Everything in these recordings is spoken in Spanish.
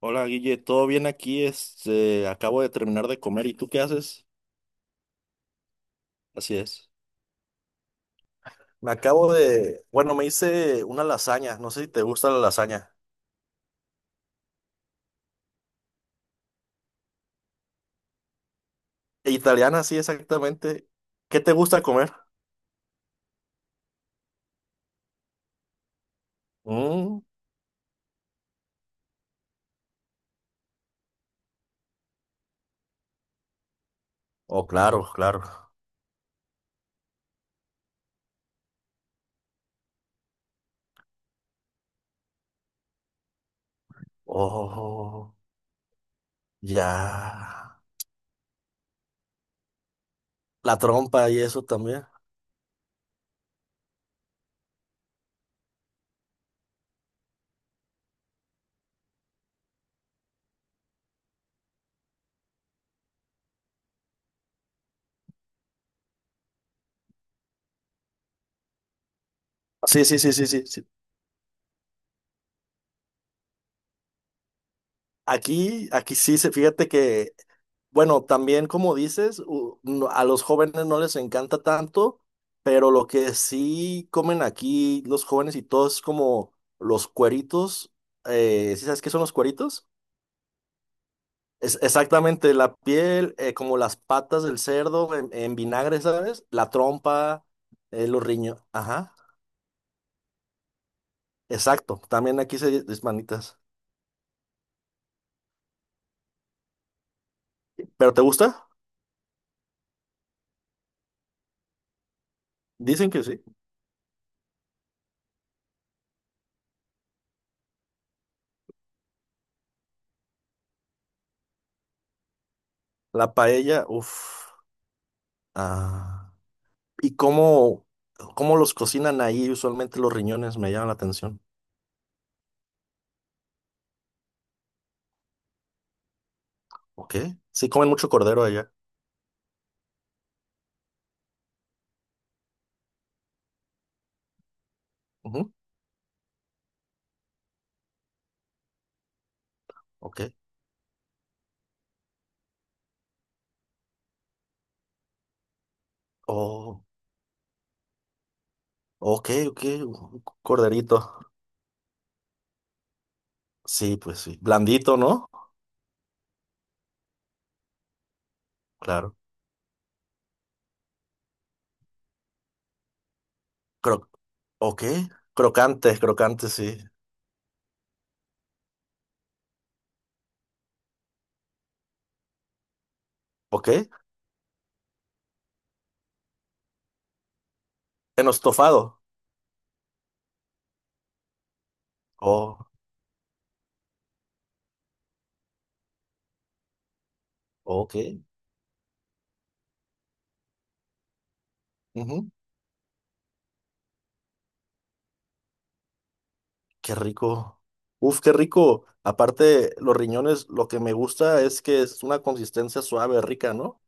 Hola Guille, ¿todo bien aquí? Acabo de terminar de comer. ¿Y tú qué haces? Así es. Bueno, me hice una lasaña. No sé si te gusta la lasaña. E Italiana, sí, exactamente. ¿Qué te gusta comer? Mm. Oh, claro, claro. Oh, ya. La trompa y eso también. Sí, sí, sí, sí, sí, sí. Aquí sí, fíjate que bueno, también como dices, a los jóvenes no les encanta tanto, pero lo que sí comen aquí los jóvenes y todo es como los cueritos. ¿Sí sabes qué son los cueritos? Es exactamente la piel, como las patas del cerdo en vinagre, ¿sabes? La trompa, los riñones. Ajá, exacto. También aquí se dice manitas. ¿Pero te gusta? Dicen que sí. La paella, uff. Ah. ¿Y cómo, cómo los cocinan ahí usualmente los riñones? Me llama la atención. ¿Ok? Sí, comen mucho cordero allá. Ujú. Ok. Oh, ok, ok. Un corderito. Sí, pues sí. Blandito, ¿no? Claro. Cro ok. Crocante, crocante, sí. Ok. En estofado. Oh, ok. Ujú. Qué rico. Uf, qué rico. Aparte, los riñones, lo que me gusta es que es una consistencia suave, rica, ¿no?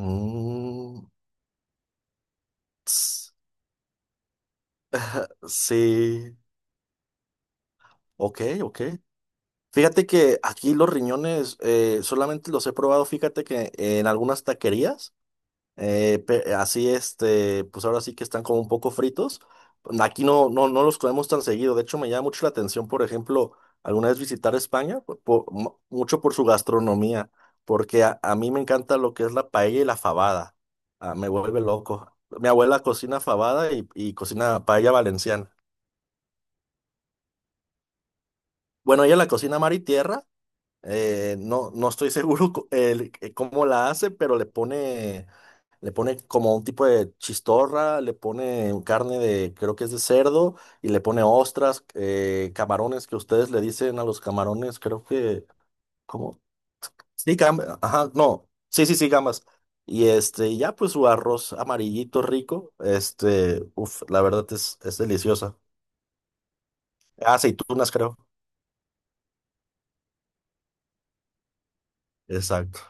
Mm. Sí, ok, ok. Fíjate que aquí los riñones solamente los he probado, fíjate que en algunas taquerías, pues ahora sí que están como un poco fritos. Aquí no los comemos tan seguido. De hecho, me llama mucho la atención, por ejemplo, alguna vez visitar España, mucho por su gastronomía, porque a mí me encanta lo que es la paella y la fabada. Ah, me vuelve loco. Mi abuela cocina fabada y cocina paella valenciana. Bueno, ella la cocina mar y tierra. No estoy seguro cómo la hace, pero le pone como un tipo de chistorra, le pone carne de, creo que es de cerdo, y le pone ostras, camarones que ustedes le dicen a los camarones, creo que, ¿cómo? Sí, gambas, ajá, no, sí, sí, sí, gambas. Y ya pues su arroz amarillito rico, uff, la verdad es deliciosa. Aceitunas, creo. Exacto.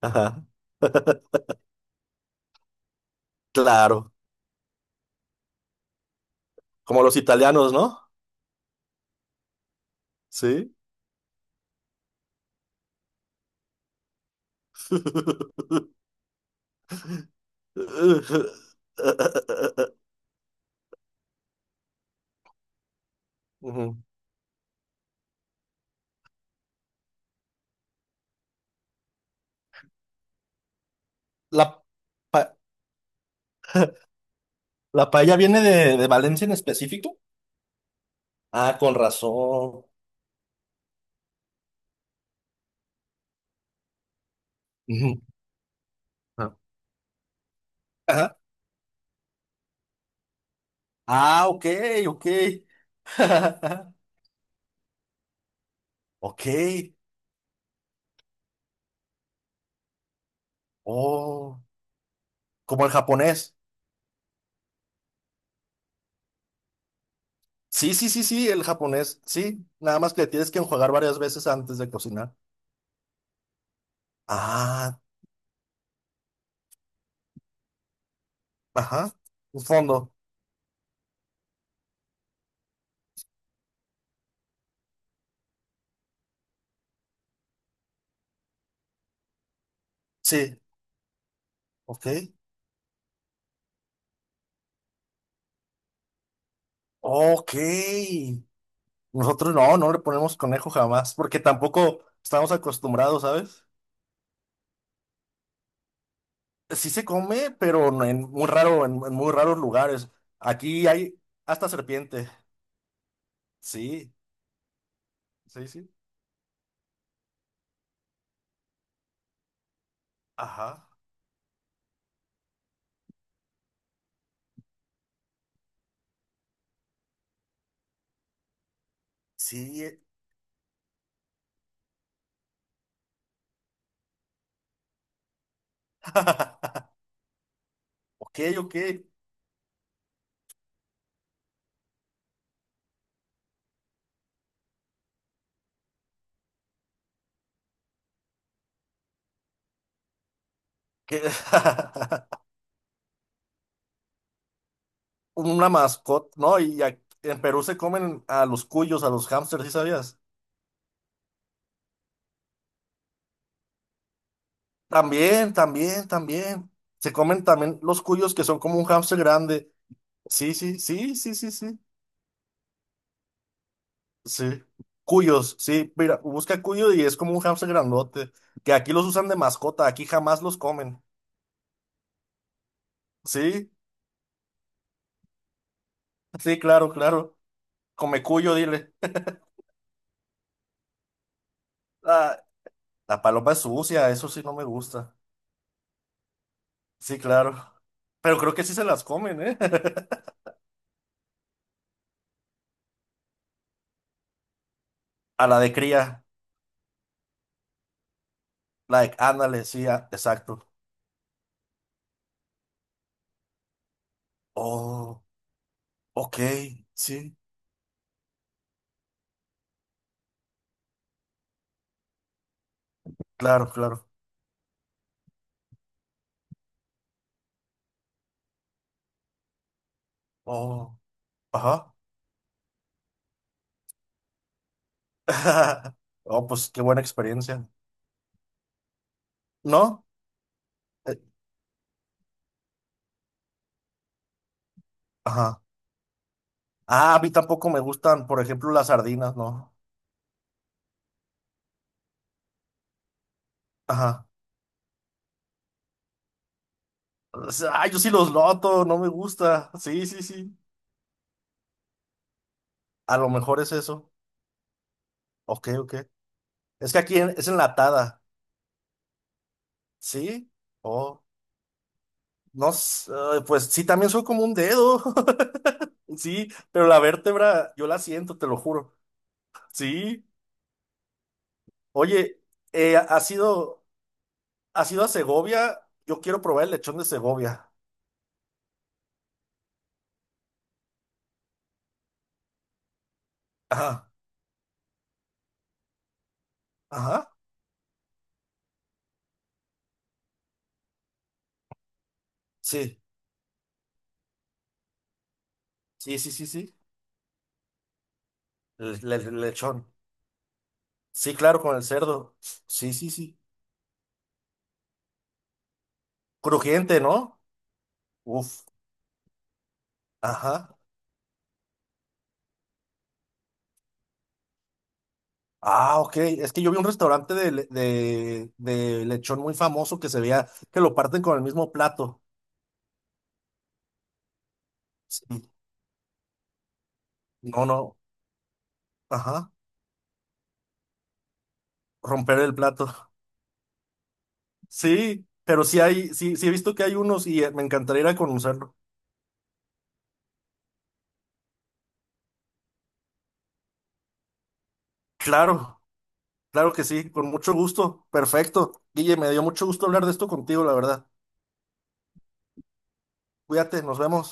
Ajá. Claro, como los italianos, ¿no? Sí. Ujú. ¿La, pa- la paella viene de Valencia en específico? Ah, con razón. Ujú. Ah, ajá. Ah, ok, ok. Ok. Oh, como el japonés. Sí, sí, sí, sí, el japonés. Sí, nada más que tienes que enjuagar varias veces antes de cocinar. Ah, ajá. Un fondo. Sí, ok. Ok. Nosotros no le ponemos conejo jamás, porque tampoco estamos acostumbrados, ¿sabes? Sí se come, pero no en muy raro, en muy raros lugares. Aquí hay hasta serpiente. Sí, sí, sí. Ajá. Sí. Eh. Ok, ok. ¿Qué? Una mascota, ¿no? En Perú se comen a los cuyos, a los hámsters, ¿sí sabías? También, también, también. Se comen también los cuyos que son como un hámster grande. Sí, sí, sí, sí, sí, sí. Sí. Cuyos, sí, mira, busca cuyo y es como un hamster grandote, que aquí los usan de mascota, aquí jamás los comen. Sí, sí, claro, claro. Come cuyo, dile. Ah, la paloma es sucia, eso sí no me gusta. Sí, claro. Pero creo que sí se las comen, ¿eh? A la de cría, la de, ándale, sí, ah, exacto. Oh, ok, sí, claro, claro. Oh, ajá. Oh, pues qué buena experiencia. ¿No? Eh, ajá. Ah, a mí tampoco me gustan, por ejemplo, las sardinas, ¿no? Ajá. O sea, ah, yo sí los noto, no me gusta. Sí, sí, sí. A lo mejor es eso. Ok, ok. Es que es enlatada. ¿Sí? Oh, no, pues sí, también soy como un dedo. Sí, pero la vértebra yo la siento, te lo juro. Sí. Oye, eh, ¿has ido, ¿has ido a Segovia? Yo quiero probar el lechón de Segovia. Ajá, ajá. Sí, sí, sí, sí, sí. El el lechón. Sí, claro, con el cerdo. Sí, sí, sí. Crujiente, ¿no? Uf, ajá. Ah, ok. Es que yo vi un restaurante de, de lechón muy famoso que se veía que lo parten con el mismo plato. Sí. No, no. Ajá. Romper el plato. Sí, pero sí hay, sí, sí he visto que hay unos y me encantaría ir a conocerlo. Claro, claro que sí, con mucho gusto. Perfecto. Guille, me dio mucho gusto hablar de esto contigo, la verdad. Cuídate, nos vemos.